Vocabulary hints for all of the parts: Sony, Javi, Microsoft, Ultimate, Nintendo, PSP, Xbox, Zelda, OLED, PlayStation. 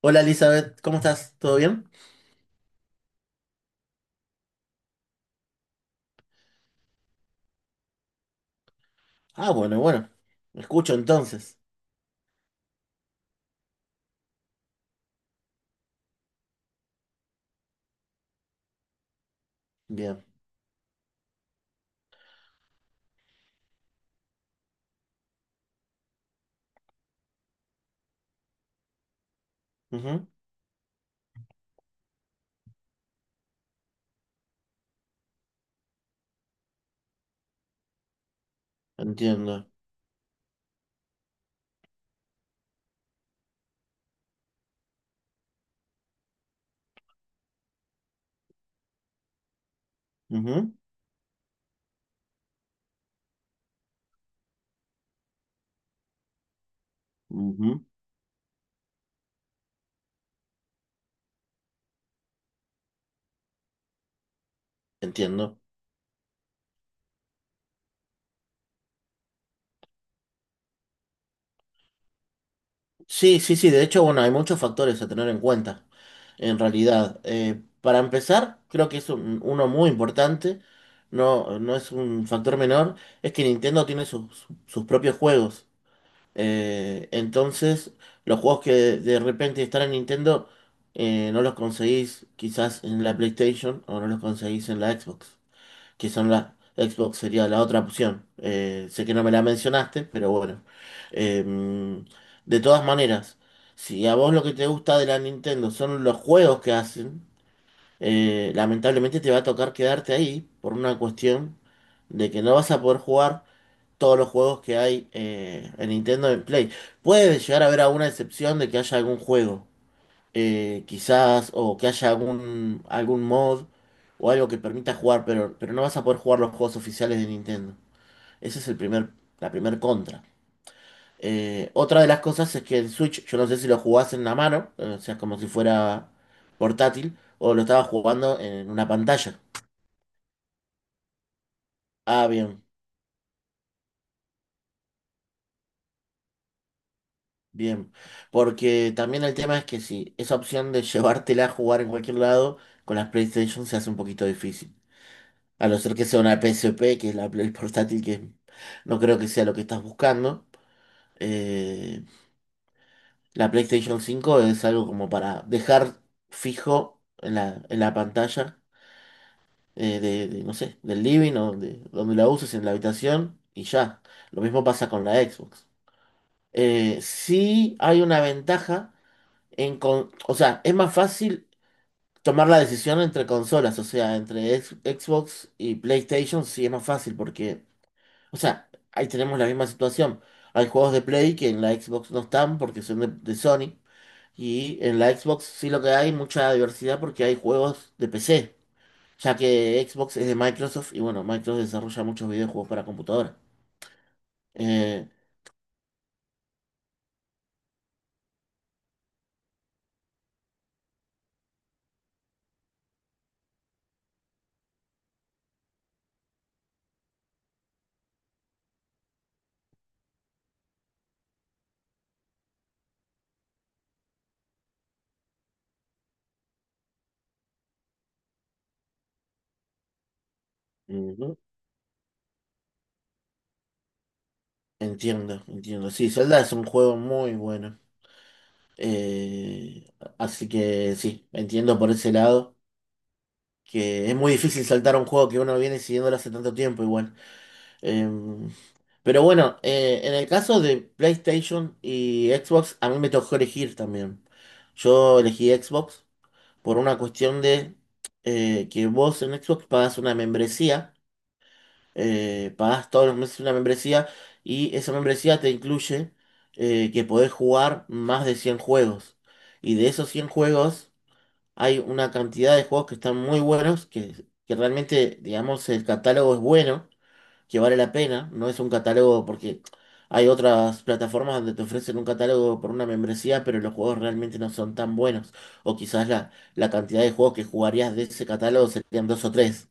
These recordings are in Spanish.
Hola Elizabeth, ¿cómo estás? ¿Todo bien? Ah, bueno, bueno. Me escucho entonces. Bien. Ujú. Entiendo. Ujú, ujú. Entiendo. Sí, sí, sí. De hecho, bueno, hay muchos factores a tener en cuenta. En realidad, para empezar, creo que uno muy importante. No, no es un factor menor. Es que Nintendo tiene sus propios juegos. Entonces, los juegos que de repente están en Nintendo, no los conseguís quizás en la PlayStation o no los conseguís en la Xbox, que son la Xbox sería la otra opción. Sé que no me la mencionaste, pero bueno. Eh, de todas maneras, si a vos lo que te gusta de la Nintendo son los juegos que hacen, lamentablemente te va a tocar quedarte ahí por una cuestión de que no vas a poder jugar todos los juegos que hay en Nintendo en Play. Puede llegar a haber alguna excepción de que haya algún juego, quizás, o que haya algún mod o algo que permita jugar, pero no vas a poder jugar los juegos oficiales de Nintendo. Ese es el primer, La primer contra. Otra de las cosas es que el Switch, yo no sé si lo jugás en la mano, o sea, como si fuera portátil, o lo estabas jugando en una pantalla. Ah, bien. Bien, porque también el tema es que si esa opción de llevártela a jugar en cualquier lado, con las PlayStation se hace un poquito difícil. A no ser que sea una PSP, que es la Play portátil, que no creo que sea lo que estás buscando. Eh, la PlayStation 5 es algo como para dejar fijo en en la pantalla no sé, del living o de donde la uses en la habitación y ya. Lo mismo pasa con la Xbox. Sí hay una ventaja o sea, es más fácil tomar la decisión entre consolas, o sea, entre Xbox y PlayStation sí es más fácil porque, o sea, ahí tenemos la misma situación. Hay juegos de Play que en la Xbox no están porque son de Sony y en la Xbox sí lo que hay mucha diversidad porque hay juegos de PC, ya que Xbox es de Microsoft y bueno, Microsoft desarrolla muchos videojuegos para computadora. Eh, ujú. Entiendo, entiendo. Sí, Zelda es un juego muy bueno. Eh, así que sí, entiendo por ese lado que es muy difícil saltar a un juego que uno viene siguiéndolo hace tanto tiempo igual. Eh, pero bueno, en el caso de PlayStation y Xbox, a mí me tocó elegir también. Yo elegí Xbox por una cuestión de que vos en Xbox pagas una membresía, pagás todos los meses una membresía y esa membresía te incluye que podés jugar más de 100 juegos. Y de esos 100 juegos... Hay una cantidad de juegos que están muy buenos, que realmente, digamos, el catálogo es bueno, que vale la pena. No es un catálogo porque hay otras plataformas donde te ofrecen un catálogo por una membresía, pero los juegos realmente no son tan buenos. O quizás la, la cantidad de juegos que jugarías de ese catálogo serían dos o tres.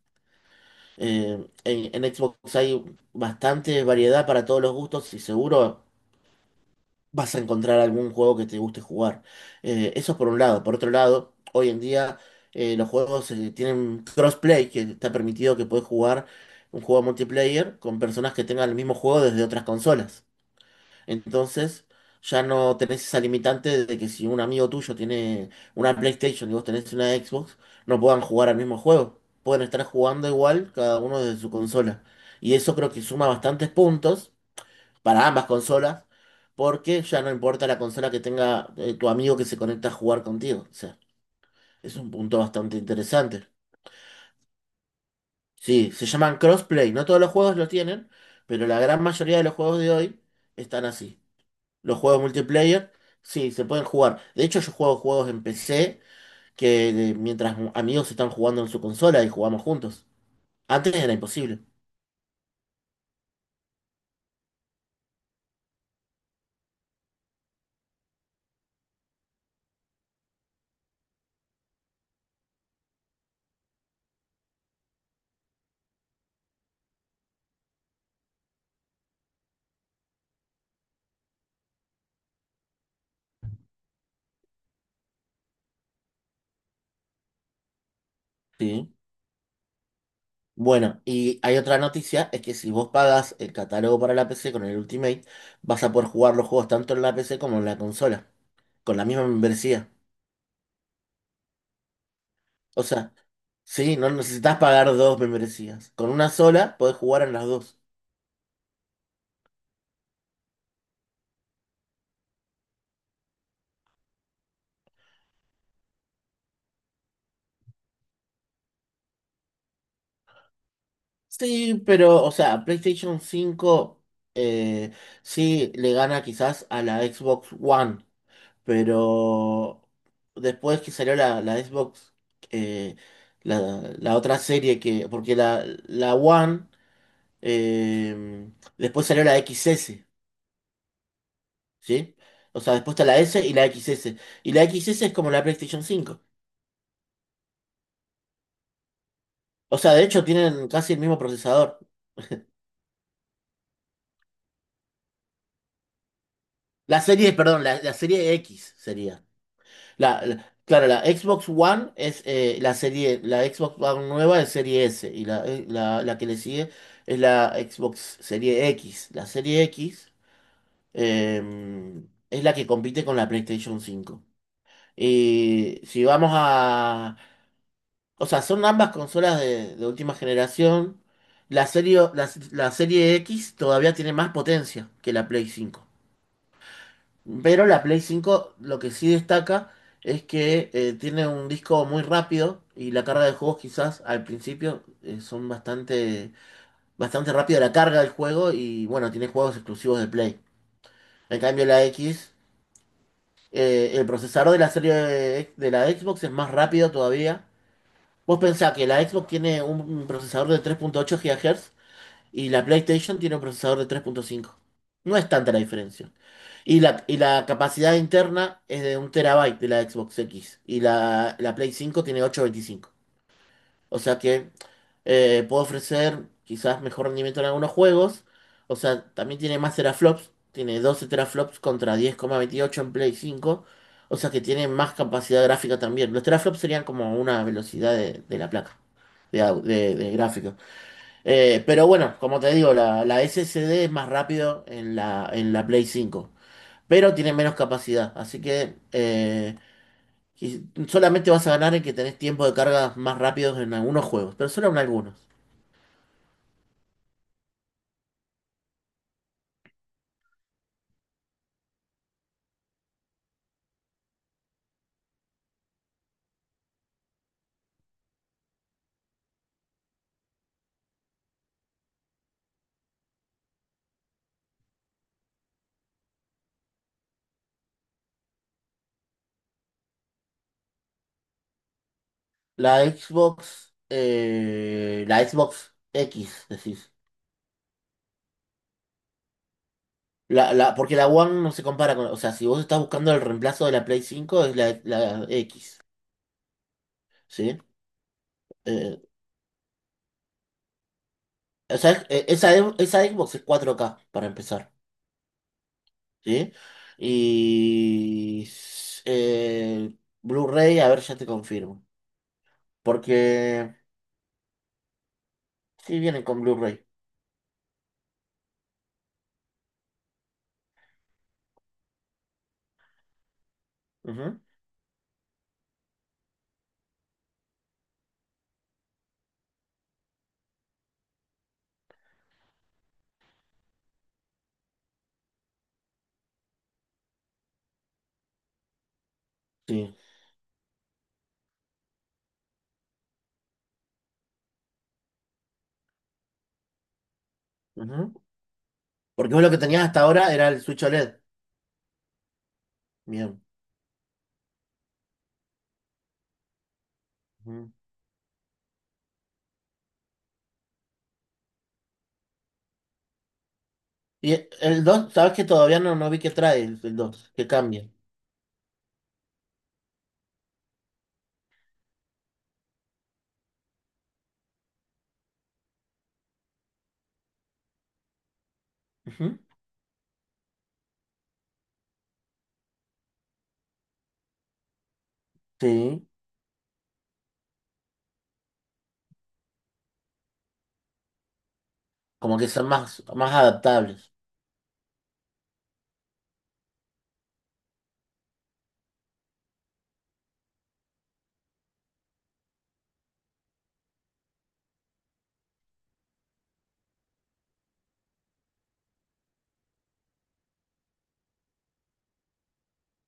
En Xbox hay bastante variedad para todos los gustos y seguro vas a encontrar algún juego que te guste jugar. Eso por un lado. Por otro lado, hoy en día los juegos tienen crossplay, que está permitido que puedes jugar un juego multiplayer con personas que tengan el mismo juego desde otras consolas. Entonces, ya no tenés esa limitante de que si un amigo tuyo tiene una PlayStation y vos tenés una Xbox, no puedan jugar al mismo juego. Pueden estar jugando igual cada uno desde su consola. Y eso creo que suma bastantes puntos para ambas consolas, porque ya no importa la consola que tenga tu amigo que se conecta a jugar contigo. O sea, es un punto bastante interesante. Sí, se llaman crossplay. No todos los juegos lo tienen, pero la gran mayoría de los juegos de hoy están así. Los juegos multiplayer, sí, se pueden jugar. De hecho, yo juego juegos en PC que mientras amigos están jugando en su consola y jugamos juntos. Antes era imposible. Sí. Bueno, y hay otra noticia, es que si vos pagas el catálogo para la PC con el Ultimate, vas a poder jugar los juegos tanto en la PC como en la consola, con la misma membresía. O sea, sí, no necesitas pagar dos membresías. Con una sola podés jugar en las dos. Sí, pero, o sea, PlayStation 5 eh, sí le gana quizás a la Xbox One, pero después que salió la Xbox, eh, la, la otra serie que, porque la One... Eh, después salió la X S, ¿sí? O sea, después está la S y la X S. Y la X S es como la PlayStation cinco. O sea, de hecho tienen casi el mismo procesador. La serie X sería. Claro, la Xbox One es la serie, la Xbox One nueva es serie S y la que le sigue es la Xbox serie X. La serie X eh, es la que compite con la PlayStation cinco. Y si vamos O sea, son ambas consolas de última generación. La serie X todavía tiene más potencia que la Play 5. Pero la Play 5, lo que sí destaca es que tiene un disco muy rápido y la carga de juegos quizás al principio son bastante, bastante rápida la carga del juego y bueno, tiene juegos exclusivos de Play. En cambio la X, el procesador de la serie de la Xbox es más rápido todavía. Vos pensás que la Xbox tiene un procesador de 3.8 GHz y la PlayStation tiene un procesador de 3.5. No es tanta la diferencia. Y la capacidad interna es de un terabyte de la Xbox X. Y la Play 5 tiene 825. O sea que puedo ofrecer quizás mejor rendimiento en algunos juegos. O sea, también tiene más teraflops. Tiene 12 teraflops contra 10,28 en Play 5. O sea que tiene más capacidad gráfica también. Los teraflops serían como una velocidad de la placa de gráfico. Como te digo, la SSD es más rápido en en la Play 5, pero tiene menos capacidad. Así que solamente vas a ganar en que tenés tiempo de carga más rápidos en algunos juegos, pero solo en algunos. La Xbox X, decís. Porque la One no se compara con... O sea, si vos estás buscando el reemplazo de la Play 5, es la X, ¿sí? Eh, esa Xbox es 4K, para empezar. ¿Sí? Y s- eh, Blu-ray, a ver, ya te confirmo. Porque sí vienen con Blu-ray. Ujú. Sí. Ujú. Porque vos lo que tenías hasta ahora era el Switch OLED. Bien. Ujú. El dos sabes que todavía no, no vi qué trae el 2, que cambia. Ujú. Sí. Como que son más adaptables.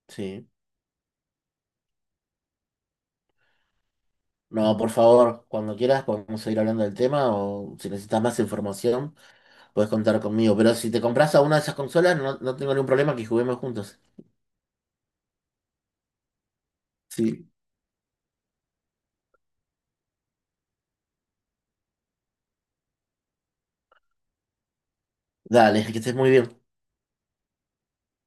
Sí. No, por favor, cuando quieras podemos seguir hablando del tema o si necesitas más información. Puedes contar conmigo, pero si te compras a una de esas consolas, no, no tengo ningún problema que juguemos juntos. Sí. Dale, que estés muy bien.